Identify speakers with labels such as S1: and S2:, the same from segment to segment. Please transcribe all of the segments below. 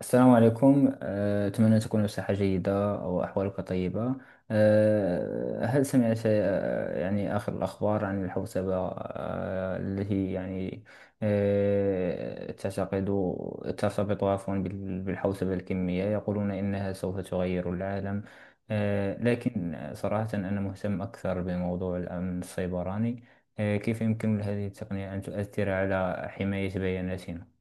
S1: السلام عليكم، أتمنى تكون بصحة جيدة أو أحوالك طيبة. هل سمعت أه، يعني آخر الأخبار عن الحوسبة التي يعني أه، تعتقد ترتبط، عفوا، بالحوسبة الكمية؟ يقولون إنها سوف تغير العالم. لكن صراحة أنا مهتم أكثر بموضوع الأمن السيبراني. كيف يمكن لهذه التقنية أن تؤثر على حماية بياناتنا؟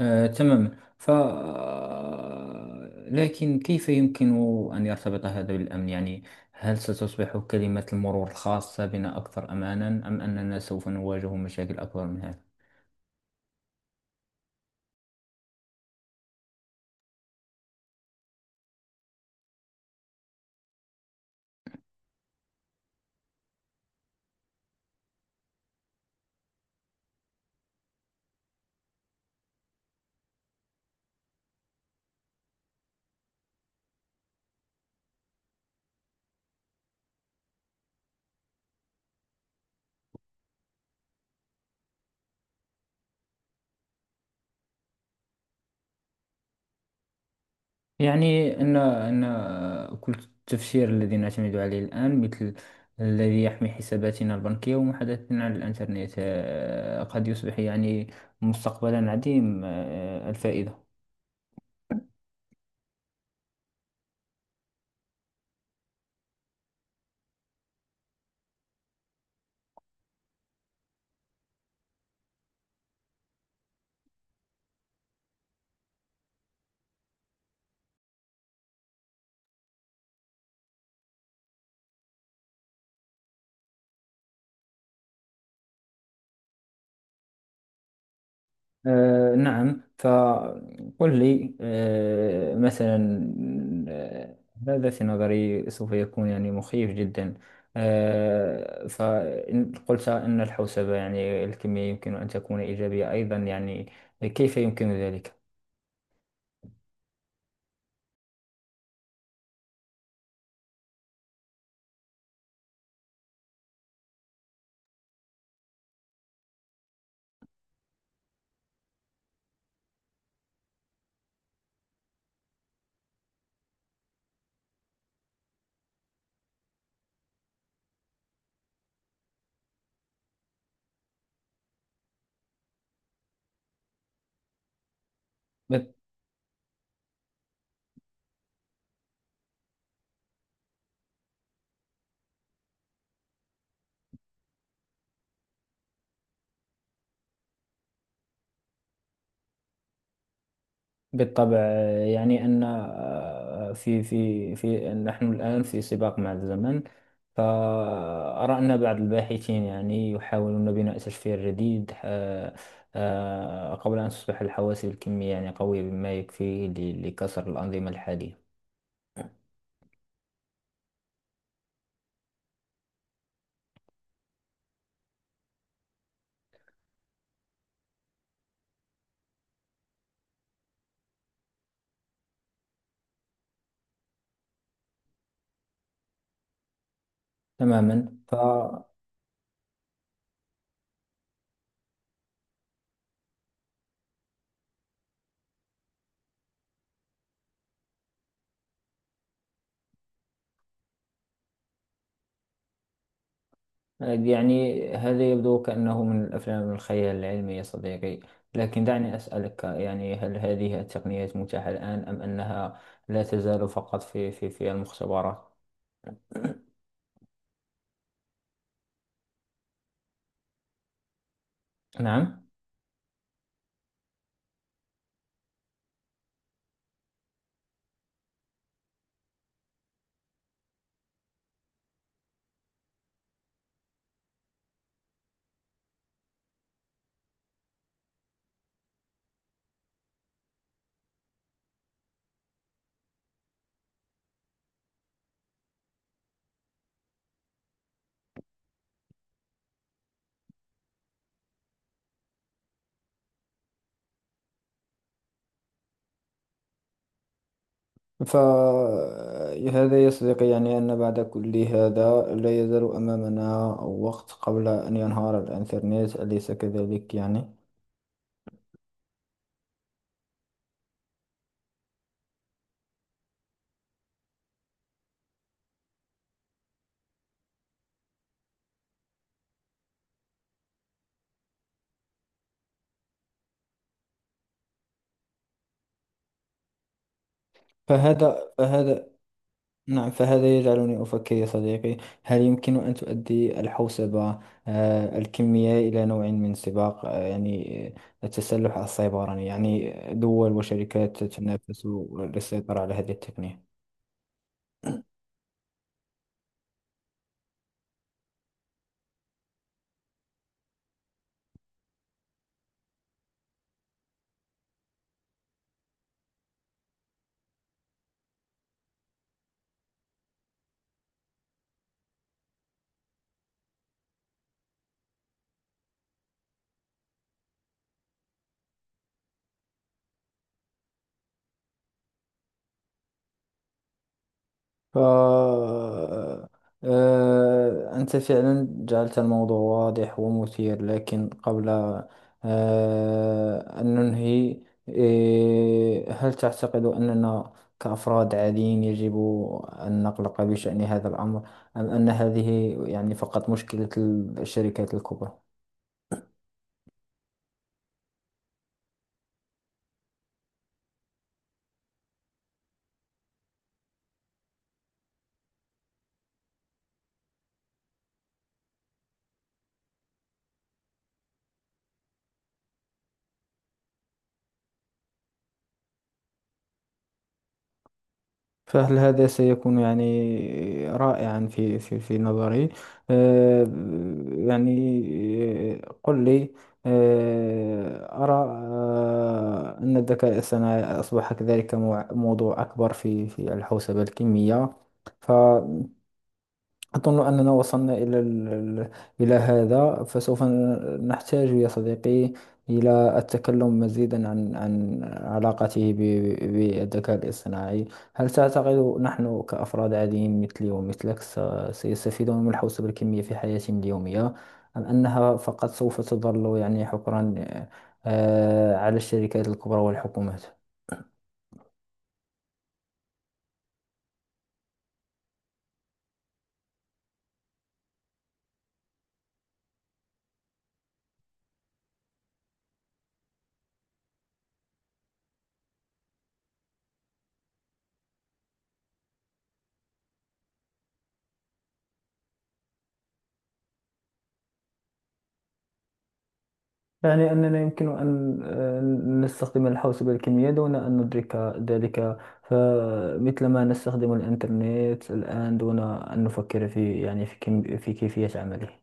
S1: تماما. ف آه، لكن كيف يمكن أن يرتبط هذا بالأمن؟ يعني هل ستصبح كلمة المرور الخاصة بنا أكثر أمانا، أم أننا سوف نواجه مشاكل أكبر من هذا؟ يعني أن كل التفسير الذي نعتمد عليه الآن، مثل الذي يحمي حساباتنا البنكية ومحادثتنا على الإنترنت، قد يصبح يعني مستقبلا عديم آه، الفائدة. نعم. فقل لي مثلا، آه هذا في نظري سوف يكون يعني مخيف جدا. فإن قلت أن الحوسبة يعني الكمية يمكن أن تكون إيجابية أيضا، يعني كيف يمكن ذلك؟ بالطبع. يعني أن آه، في في في نحن الآن في سباق مع الزمن. فأرى أن بعض الباحثين يعني يحاولون بناء تشفير جديد، قبل أن تصبح الحواسب الكمية يعني قوية بما يكفي لكسر الأنظمة الحالية. تماما. يعني هذا يبدو كأنه من الأفلام الخيال العلمي يا صديقي. لكن دعني أسألك، يعني هل هذه التقنيات متاحة الآن، أم أنها لا تزال فقط في المختبرات؟ نعم. فهذا يا صديقي يعني أن بعد كل هذا لا يزال أمامنا وقت قبل أن ينهار الإنترنت، أليس كذلك؟ يعني فهذا. نعم. فهذا يجعلني أفكر يا صديقي، هل يمكن أن تؤدي الحوسبة الكمية إلى نوع من سباق التسلح السيبراني؟ يعني دول وشركات تنافس للسيطرة على هذه التقنية. ف آه، آه، أنت فعلا جعلت الموضوع واضح ومثير، لكن قبل أن ننهي، هل تعتقد أننا كأفراد عاديين يجب أن نقلق بشأن هذا الأمر، أم أن هذه يعني فقط مشكلة الشركات الكبرى؟ فهل هذا سيكون يعني رائعا في نظري. آه، يعني قل لي، أرى أن الذكاء الصناعي أصبح كذلك موضوع أكبر في الحوسبة الكمية. أظن أننا وصلنا إلى إلى هذا، فسوف نحتاج يا صديقي إلى التكلم مزيدا عن علاقته بالذكاء الاصطناعي. هل تعتقد نحن كأفراد عاديين مثلي ومثلك سيستفيدون من الحوسبة الكمية في حياتهم اليومية، أم أنها فقط سوف تظل يعني حكرا على الشركات الكبرى والحكومات؟ يعني أننا يمكن أن نستخدم الحوسبة الكمية دون أن ندرك ذلك، فمثلما نستخدم الإنترنت الآن دون أن نفكر في يعني في كم في كيفية عمله.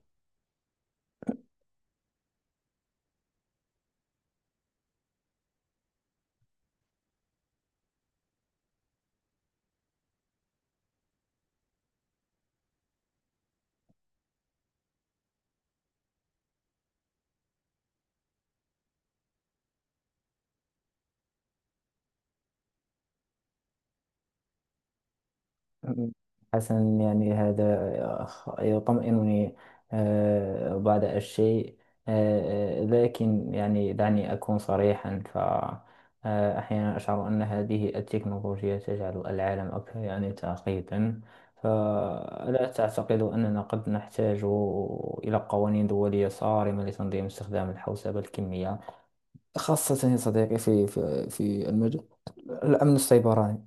S1: حسنا يعني هذا يطمئنني بعض الشيء. لكن يعني دعني أكون صريحا، فأحيانا أشعر أن هذه التكنولوجيا تجعل العالم أكثر يعني تعقيدا. فلا تعتقد أننا قد نحتاج إلى قوانين دولية صارمة لتنظيم استخدام الحوسبة الكمية، خاصة يا صديقي في المجال الأمن السيبراني؟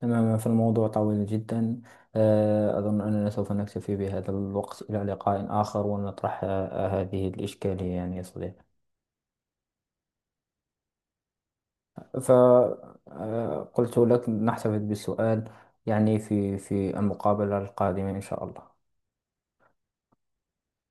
S1: تماما. فالموضوع طويل جدا. أظن أننا سوف نكتفي بهذا الوقت، إلى لقاء آخر ونطرح هذه الإشكالية يعني يا صديقي. فقلت لك نحتفظ بالسؤال يعني في المقابلة القادمة، إن شاء الله.